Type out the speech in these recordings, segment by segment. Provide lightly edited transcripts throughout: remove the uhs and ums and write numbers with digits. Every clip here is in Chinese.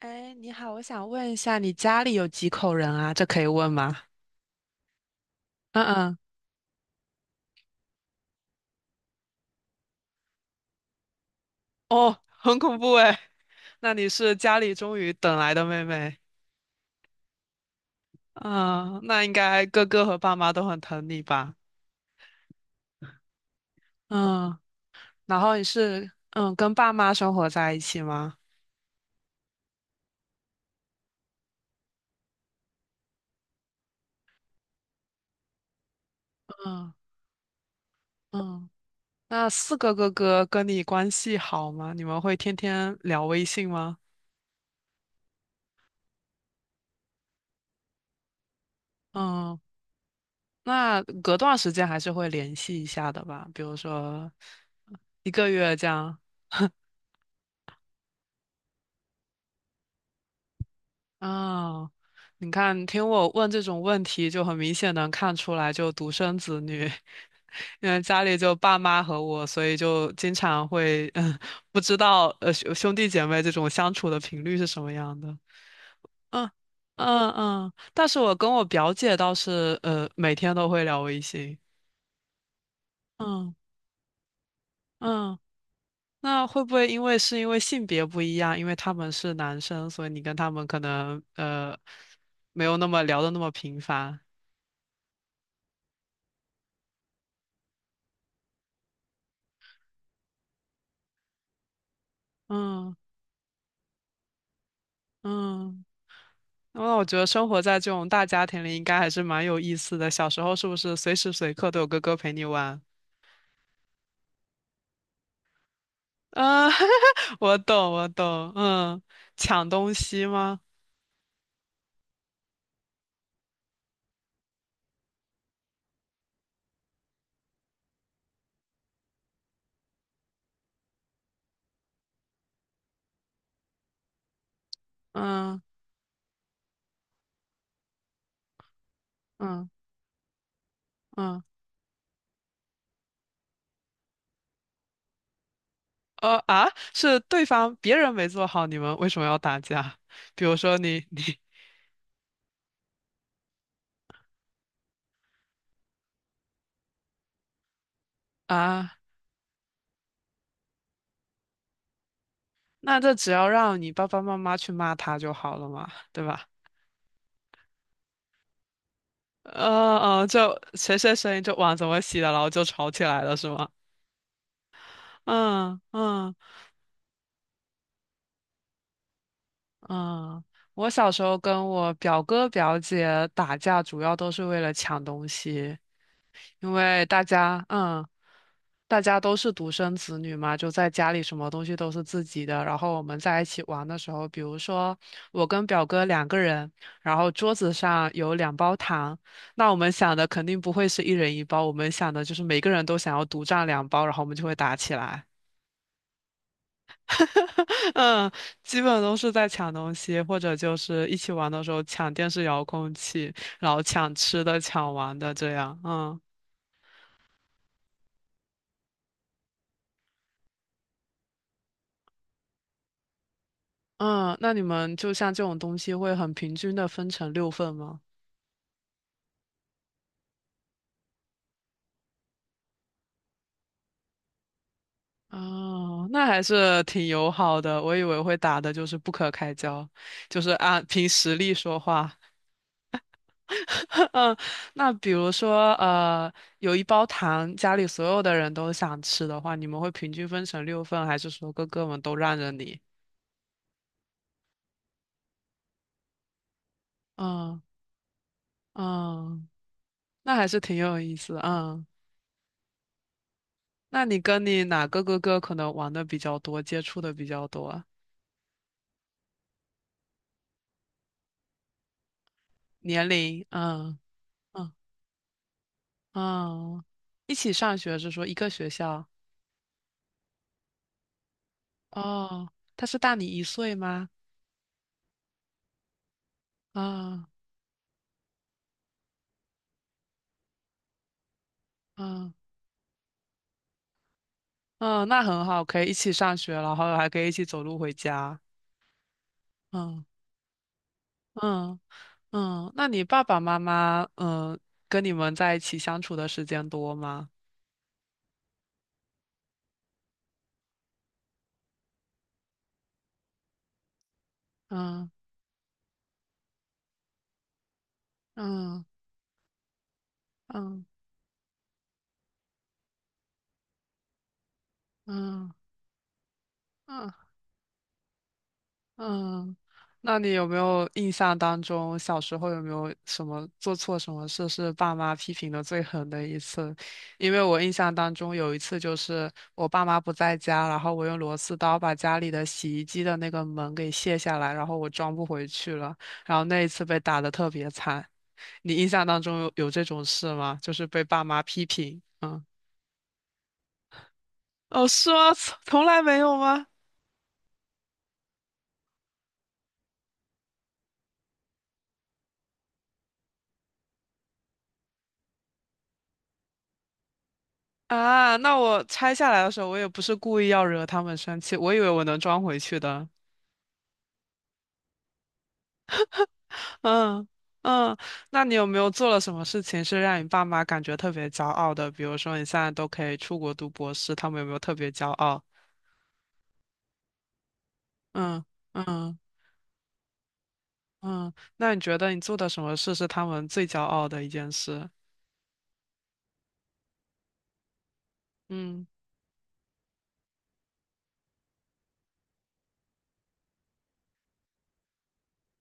哎，你好，我想问一下，你家里有几口人啊？这可以问吗？嗯嗯。哦，很恐怖哎。那你是家里终于等来的妹妹。嗯，那应该哥哥和爸妈都很疼你吧？嗯，然后你是跟爸妈生活在一起吗？嗯嗯，那四个哥哥跟你关系好吗？你们会天天聊微信吗？嗯。那隔段时间还是会联系一下的吧，比如说一个月这样。啊。你看，听我问这种问题，就很明显能看出来，就独生子女，因为家里就爸妈和我，所以就经常会，不知道兄弟姐妹这种相处的频率是什么样的。嗯嗯嗯，但是我跟我表姐倒是，每天都会聊微信。嗯嗯。那会不会因为性别不一样，因为他们是男生，所以你跟他们可能没有那么聊的那么频繁？嗯嗯，那我觉得生活在这种大家庭里应该还是蛮有意思的。小时候是不是随时随刻都有哥哥陪你玩？嗯，我懂我懂。嗯，抢东西吗？嗯嗯嗯。呃啊，是对方别人没做好，你们为什么要打架？比如说你。啊，那这只要让你爸爸妈妈去骂他就好了嘛，对吧？嗯嗯，就谁谁谁就碗怎么洗的，然后就吵起来了，是吗？嗯嗯嗯，我小时候跟我表哥表姐打架，主要都是为了抢东西，因为大家嗯。大家都是独生子女嘛，就在家里什么东西都是自己的。然后我们在一起玩的时候，比如说我跟表哥两个人，然后桌子上有两包糖，那我们想的肯定不会是一人一包，我们想的就是每个人都想要独占两包，然后我们就会打起来。嗯，基本都是在抢东西，或者就是一起玩的时候抢电视遥控器，然后抢吃的、抢玩的这样。嗯嗯，那你们就像这种东西会很平均的分成六份吗？哦，那还是挺友好的。我以为会打的就是不可开交，就是按凭实力说话。嗯，那比如说，有一包糖，家里所有的人都想吃的话，你们会平均分成六份，还是说哥哥们都让着你？嗯嗯，那还是挺有意思的。嗯，那你跟你哪个哥哥可能玩的比较多，接触的比较多啊？年龄？嗯嗯嗯，一起上学是说一个学校？哦，他是大你一岁吗？啊嗯嗯，那很好，可以一起上学，然后还可以一起走路回家。嗯嗯嗯，那你爸爸妈妈跟你们在一起相处的时间多吗？嗯嗯嗯嗯嗯嗯，那你有没有印象当中小时候有没有什么做错什么事是爸妈批评的最狠的一次？因为我印象当中有一次就是我爸妈不在家，然后我用螺丝刀把家里的洗衣机的那个门给卸下来，然后我装不回去了，然后那一次被打得特别惨。你印象当中有这种事吗？就是被爸妈批评？嗯。哦，是吗？从来没有吗？啊，那我拆下来的时候，我也不是故意要惹他们生气，我以为我能装回去的。嗯嗯，那你有没有做了什么事情是让你爸妈感觉特别骄傲的？比如说你现在都可以出国读博士，他们有没有特别骄傲？嗯嗯嗯，那你觉得你做的什么事是他们最骄傲的一件事？嗯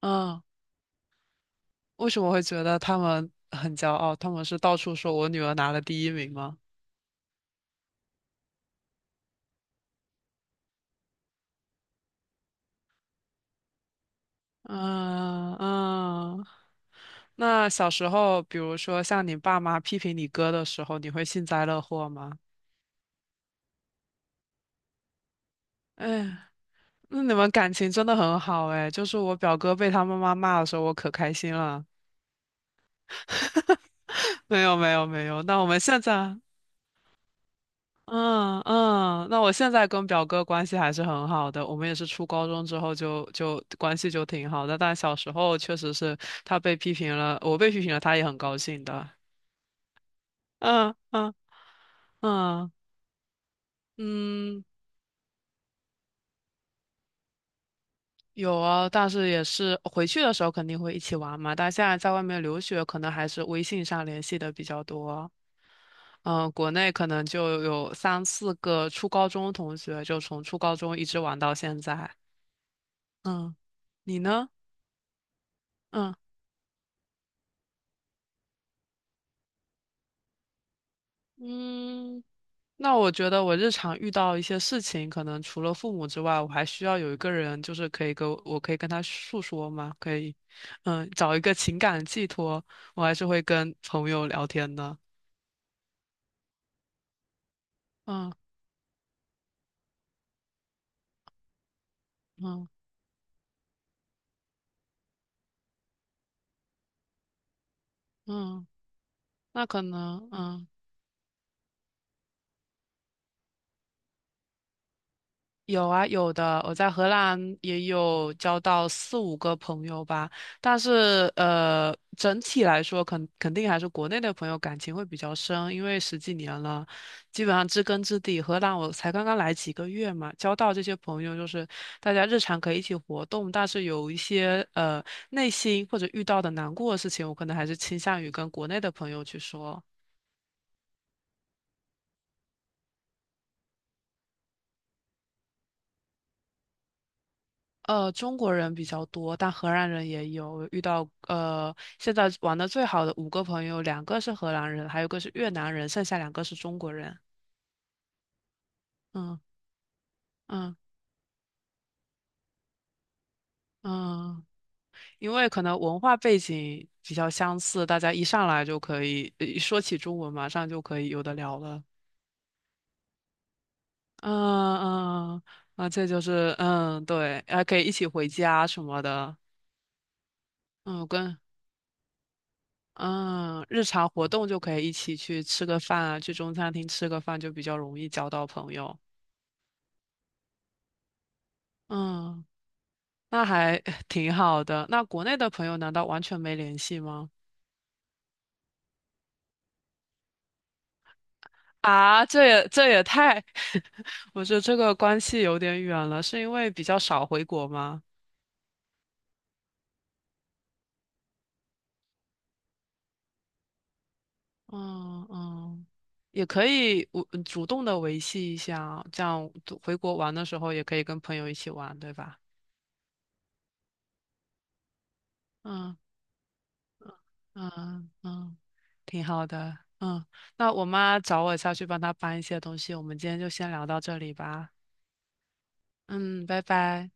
嗯，为什么会觉得他们很骄傲？他们是到处说我女儿拿了第一名吗？嗯嗯。那小时候，比如说像你爸妈批评你哥的时候，你会幸灾乐祸吗？哎，那你们感情真的很好哎。就是我表哥被他妈妈骂的时候，我可开心了。没有没有没有，那我们现在。嗯嗯，那我现在跟表哥关系还是很好的。我们也是初高中之后就关系就挺好的，但小时候确实是他被批评了，我被批评了，他也很高兴的。嗯嗯嗯嗯。有啊，但是也是回去的时候肯定会一起玩嘛。但现在在外面留学，可能还是微信上联系的比较多。嗯，国内可能就有三四个初高中同学，就从初高中一直玩到现在。嗯，你呢？嗯嗯，那我觉得我日常遇到一些事情，可能除了父母之外，我还需要有一个人，就是可以跟我，我可以跟他诉说嘛，可以，嗯，找一个情感寄托，我还是会跟朋友聊天的。嗯嗯。嗯，那可能，嗯，有啊，有的。我在荷兰也有交到四五个朋友吧，但是整体来说，肯定还是国内的朋友感情会比较深，因为十几年了，基本上知根知底。荷兰我才刚刚来几个月嘛，交到这些朋友，就是大家日常可以一起活动，但是有一些内心或者遇到的难过的事情，我可能还是倾向于跟国内的朋友去说。中国人比较多，但荷兰人也有遇到。现在玩的最好的五个朋友，两个是荷兰人，还有一个是越南人，剩下两个是中国人。嗯嗯嗯，因为可能文化背景比较相似，大家一上来就可以，一说起中文，马上就可以有的聊了。嗯嗯，嗯啊，这就是对，还可以一起回家什么的。嗯，跟嗯，日常活动就可以一起去吃个饭啊，去中餐厅吃个饭就比较容易交到朋友。嗯，那还 挺好的。那国内的朋友难道完全没联系吗？啊，这也太，我觉得这个关系有点远了，是因为比较少回国吗？嗯嗯，也可以我主动的维系一下啊，这样回国玩的时候也可以跟朋友一起玩，对吧？嗯。嗯嗯，挺好的。嗯，那我妈找我下去帮她搬一些东西，我们今天就先聊到这里吧。嗯，拜拜。